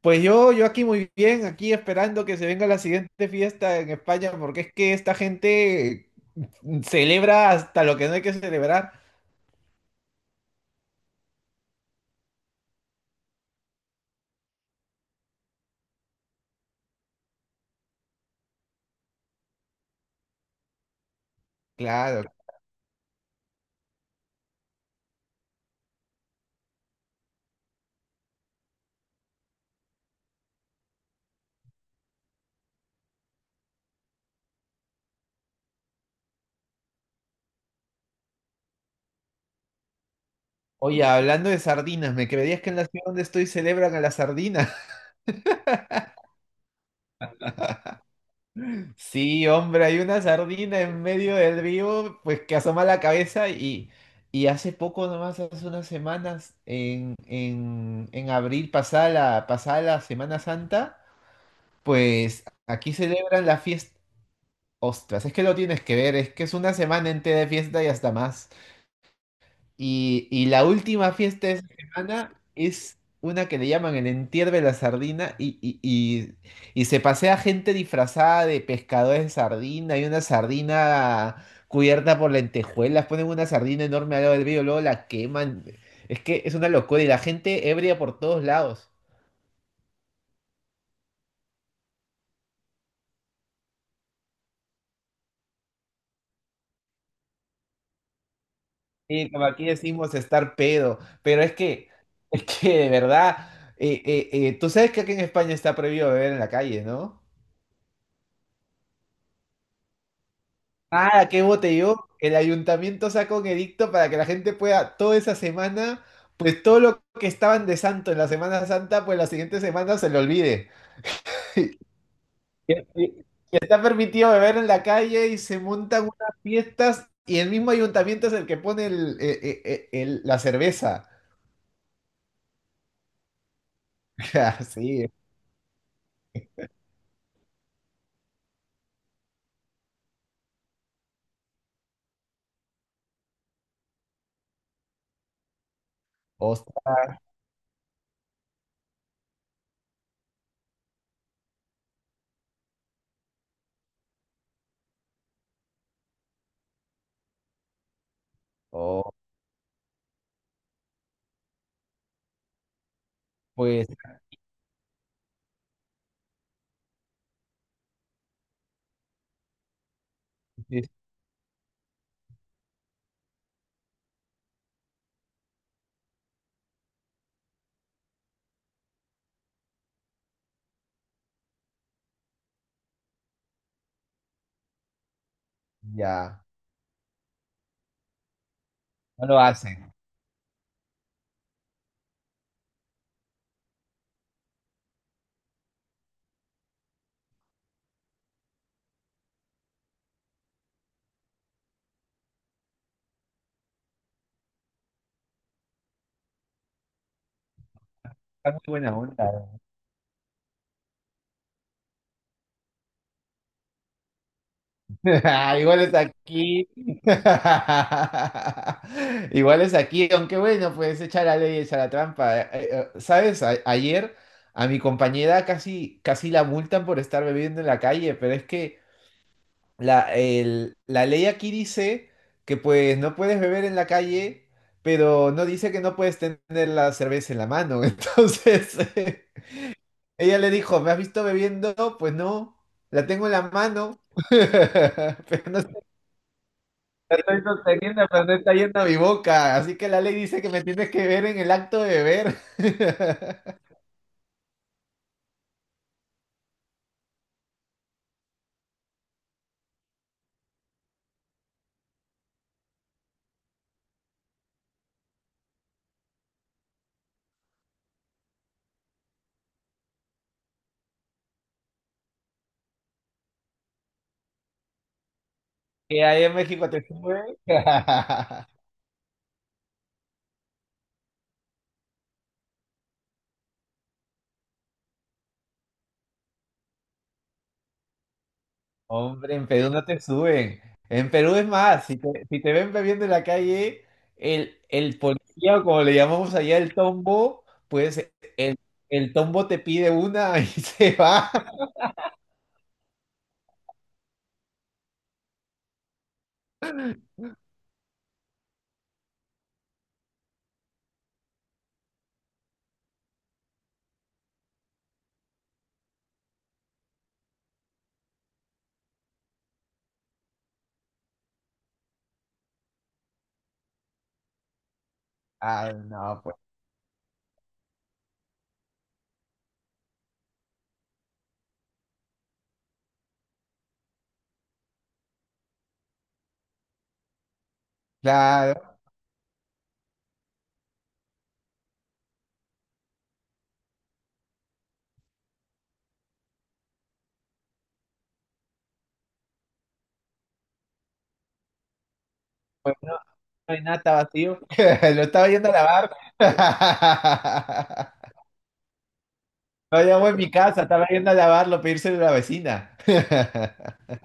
Pues yo aquí muy bien, aquí esperando que se venga la siguiente fiesta en España, porque es que esta gente celebra hasta lo que no hay que celebrar. Claro. Oye, hablando de sardinas, ¿me creerías que en la ciudad donde estoy celebran a la sardina? Sí, hombre, hay una sardina en medio del río, pues que asoma la cabeza y hace poco nomás, hace unas semanas, en abril, pasada la Semana Santa, pues aquí celebran la fiesta. Ostras, es que lo tienes que ver, es que es una semana entera de fiesta y hasta más. Y la última fiesta de esa semana es una que le llaman el entierro de la sardina, y se pasea gente disfrazada de pescadores de sardina. Hay una sardina cubierta por lentejuelas, ponen una sardina enorme al lado del río, luego la queman. Es que es una locura y la gente ebria por todos lados. Sí, como aquí decimos estar pedo, pero es que, es que de verdad, tú sabes que aquí en España está prohibido beber en la calle, ¿no? Ah, qué botellón. El ayuntamiento sacó un edicto para que la gente pueda toda esa semana, pues todo lo que estaban de santo en la Semana Santa, pues la siguiente semana se lo olvide. Y y Está permitido beber en la calle y se montan unas fiestas y el mismo ayuntamiento es el que pone la cerveza. Así, hostia. Oh, pues. Sí, ya, no lo hacen. Está muy buena onda. Igual es aquí. Igual es aquí, aunque bueno, pues echa la ley, echa la trampa. ¿Sabes? Ayer a mi compañera casi la multan por estar bebiendo en la calle, pero es que la ley aquí dice que pues no puedes beber en la calle, pero no dice que no puedes tener la cerveza en la mano. Entonces... Ella le dijo, ¿me has visto bebiendo? Pues no, la tengo en la mano. Pero no sé, la estoy sosteniendo, pero no está yendo a mi boca. Así que la ley dice que me tienes que ver en el acto de beber. Que ahí en México te suben. Hombre, en Perú no te suben. En Perú es más, si te ven bebiendo en la calle, el policía, o como le llamamos allá, el tombo, pues el, el tombo te pide una y se va. Ah, no, pues. Claro. Pues no, no hay nada, está vacío. Lo estaba yendo a lavar. No llevo en mi casa, estaba yendo a lavarlo, pedírselo a la vecina.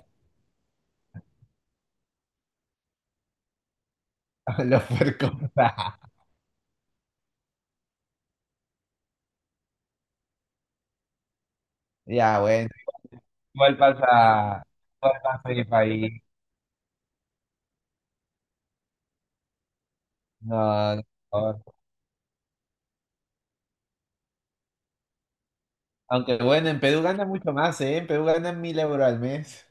Los puercos. Ya, bueno. Igual pasa, igual pasa en mi país. No, no. No. Aunque bueno, en Perú gana mucho más, ¿eh? En Perú ganan 1000 euros al mes.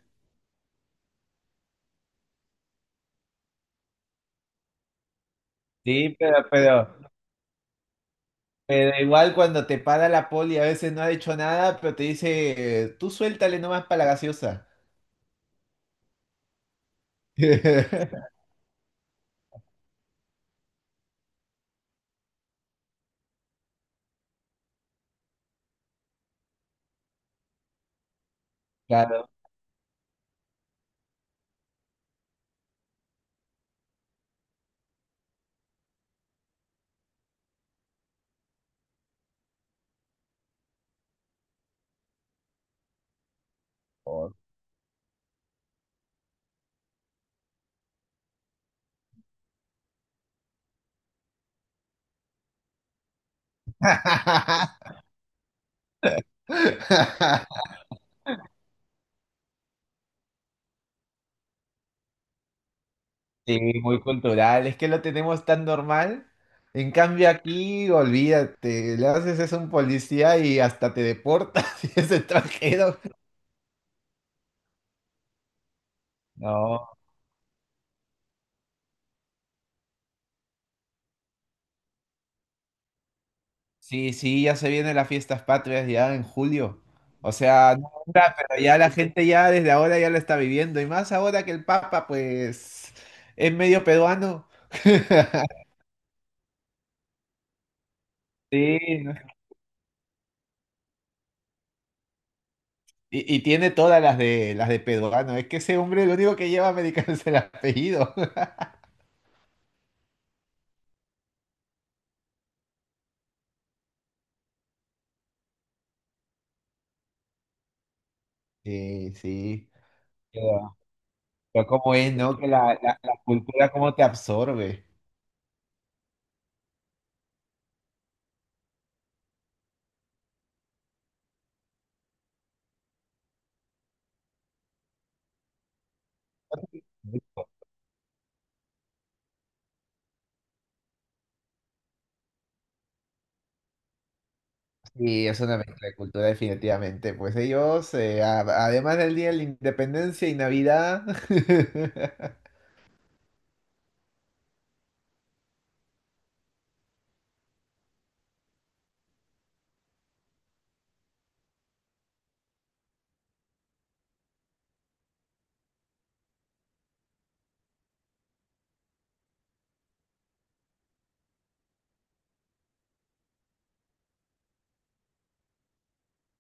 Sí, pero igual cuando te para la poli a veces no ha hecho nada, pero te dice, tú suéltale nomás para la gaseosa. Claro. Sí, muy cultural. Es que lo tenemos tan normal. En cambio aquí, olvídate, le haces eso a un policía y hasta te deportas si es extranjero. No, sí, sí, ya se vienen las fiestas patrias ya en julio. O sea, no ahora, pero ya la gente ya desde ahora ya lo está viviendo. Y más ahora que el Papa, pues, es medio peruano. Sí, no. Y, y tiene todas las de Pedoano. Es que ese hombre lo único que lleva americano es el apellido. Sí, sí. Pero, pero cómo es, ¿no? Que la cultura cómo te absorbe. Sí, es una mezcla de cultura definitivamente. Pues ellos, además del Día de la Independencia y Navidad,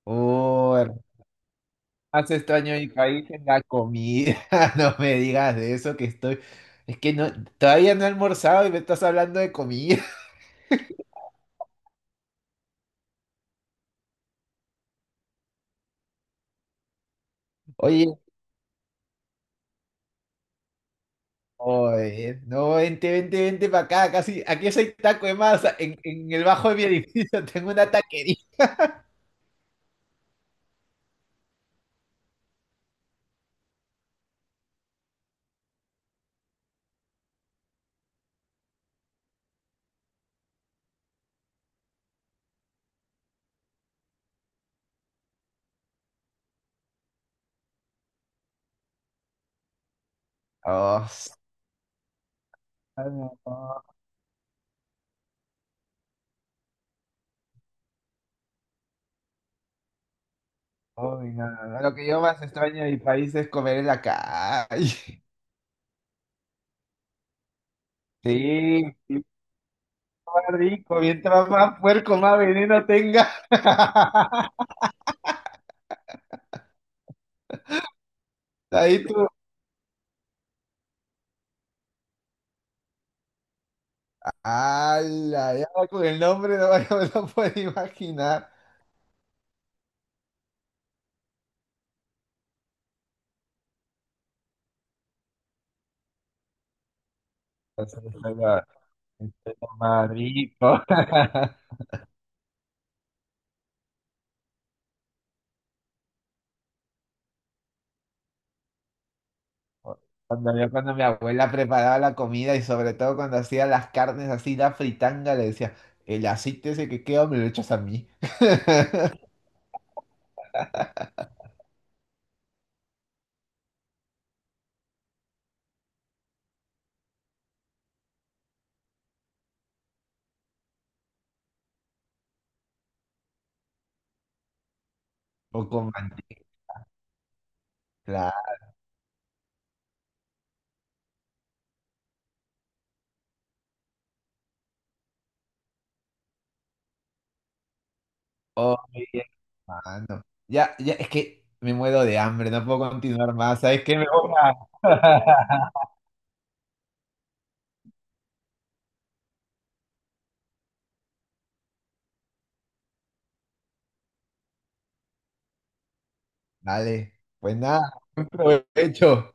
oh, hermano, más extraño de mi país es la comida. No me digas de eso que estoy... Es que no, todavía no he almorzado y me estás hablando de comida. Oye. Oye, no, vente para acá, casi, aquí soy taco de masa, en el bajo de mi edificio tengo una taquería. Oh, s- ay, no, ay, no, no, no. Lo que yo más extraño de mi país es comer en la calle. Sí, sí, más rico, mientras más puerco, más veneno tenga. Ahí tú, ala, ya con el nombre no, no me lo puedo imaginar. Eso es lo más rico. Cuando yo, cuando mi abuela preparaba la comida y sobre todo cuando hacía las carnes así, la fritanga, le decía, el aceite ese que queda me lo echas a mí. O con manteca. Claro. Oye, hermano. Ya, ya, es que me muero de hambre, no puedo continuar más. ¿Sabes qué? Me voy a... Dale, pues nada, buen provecho.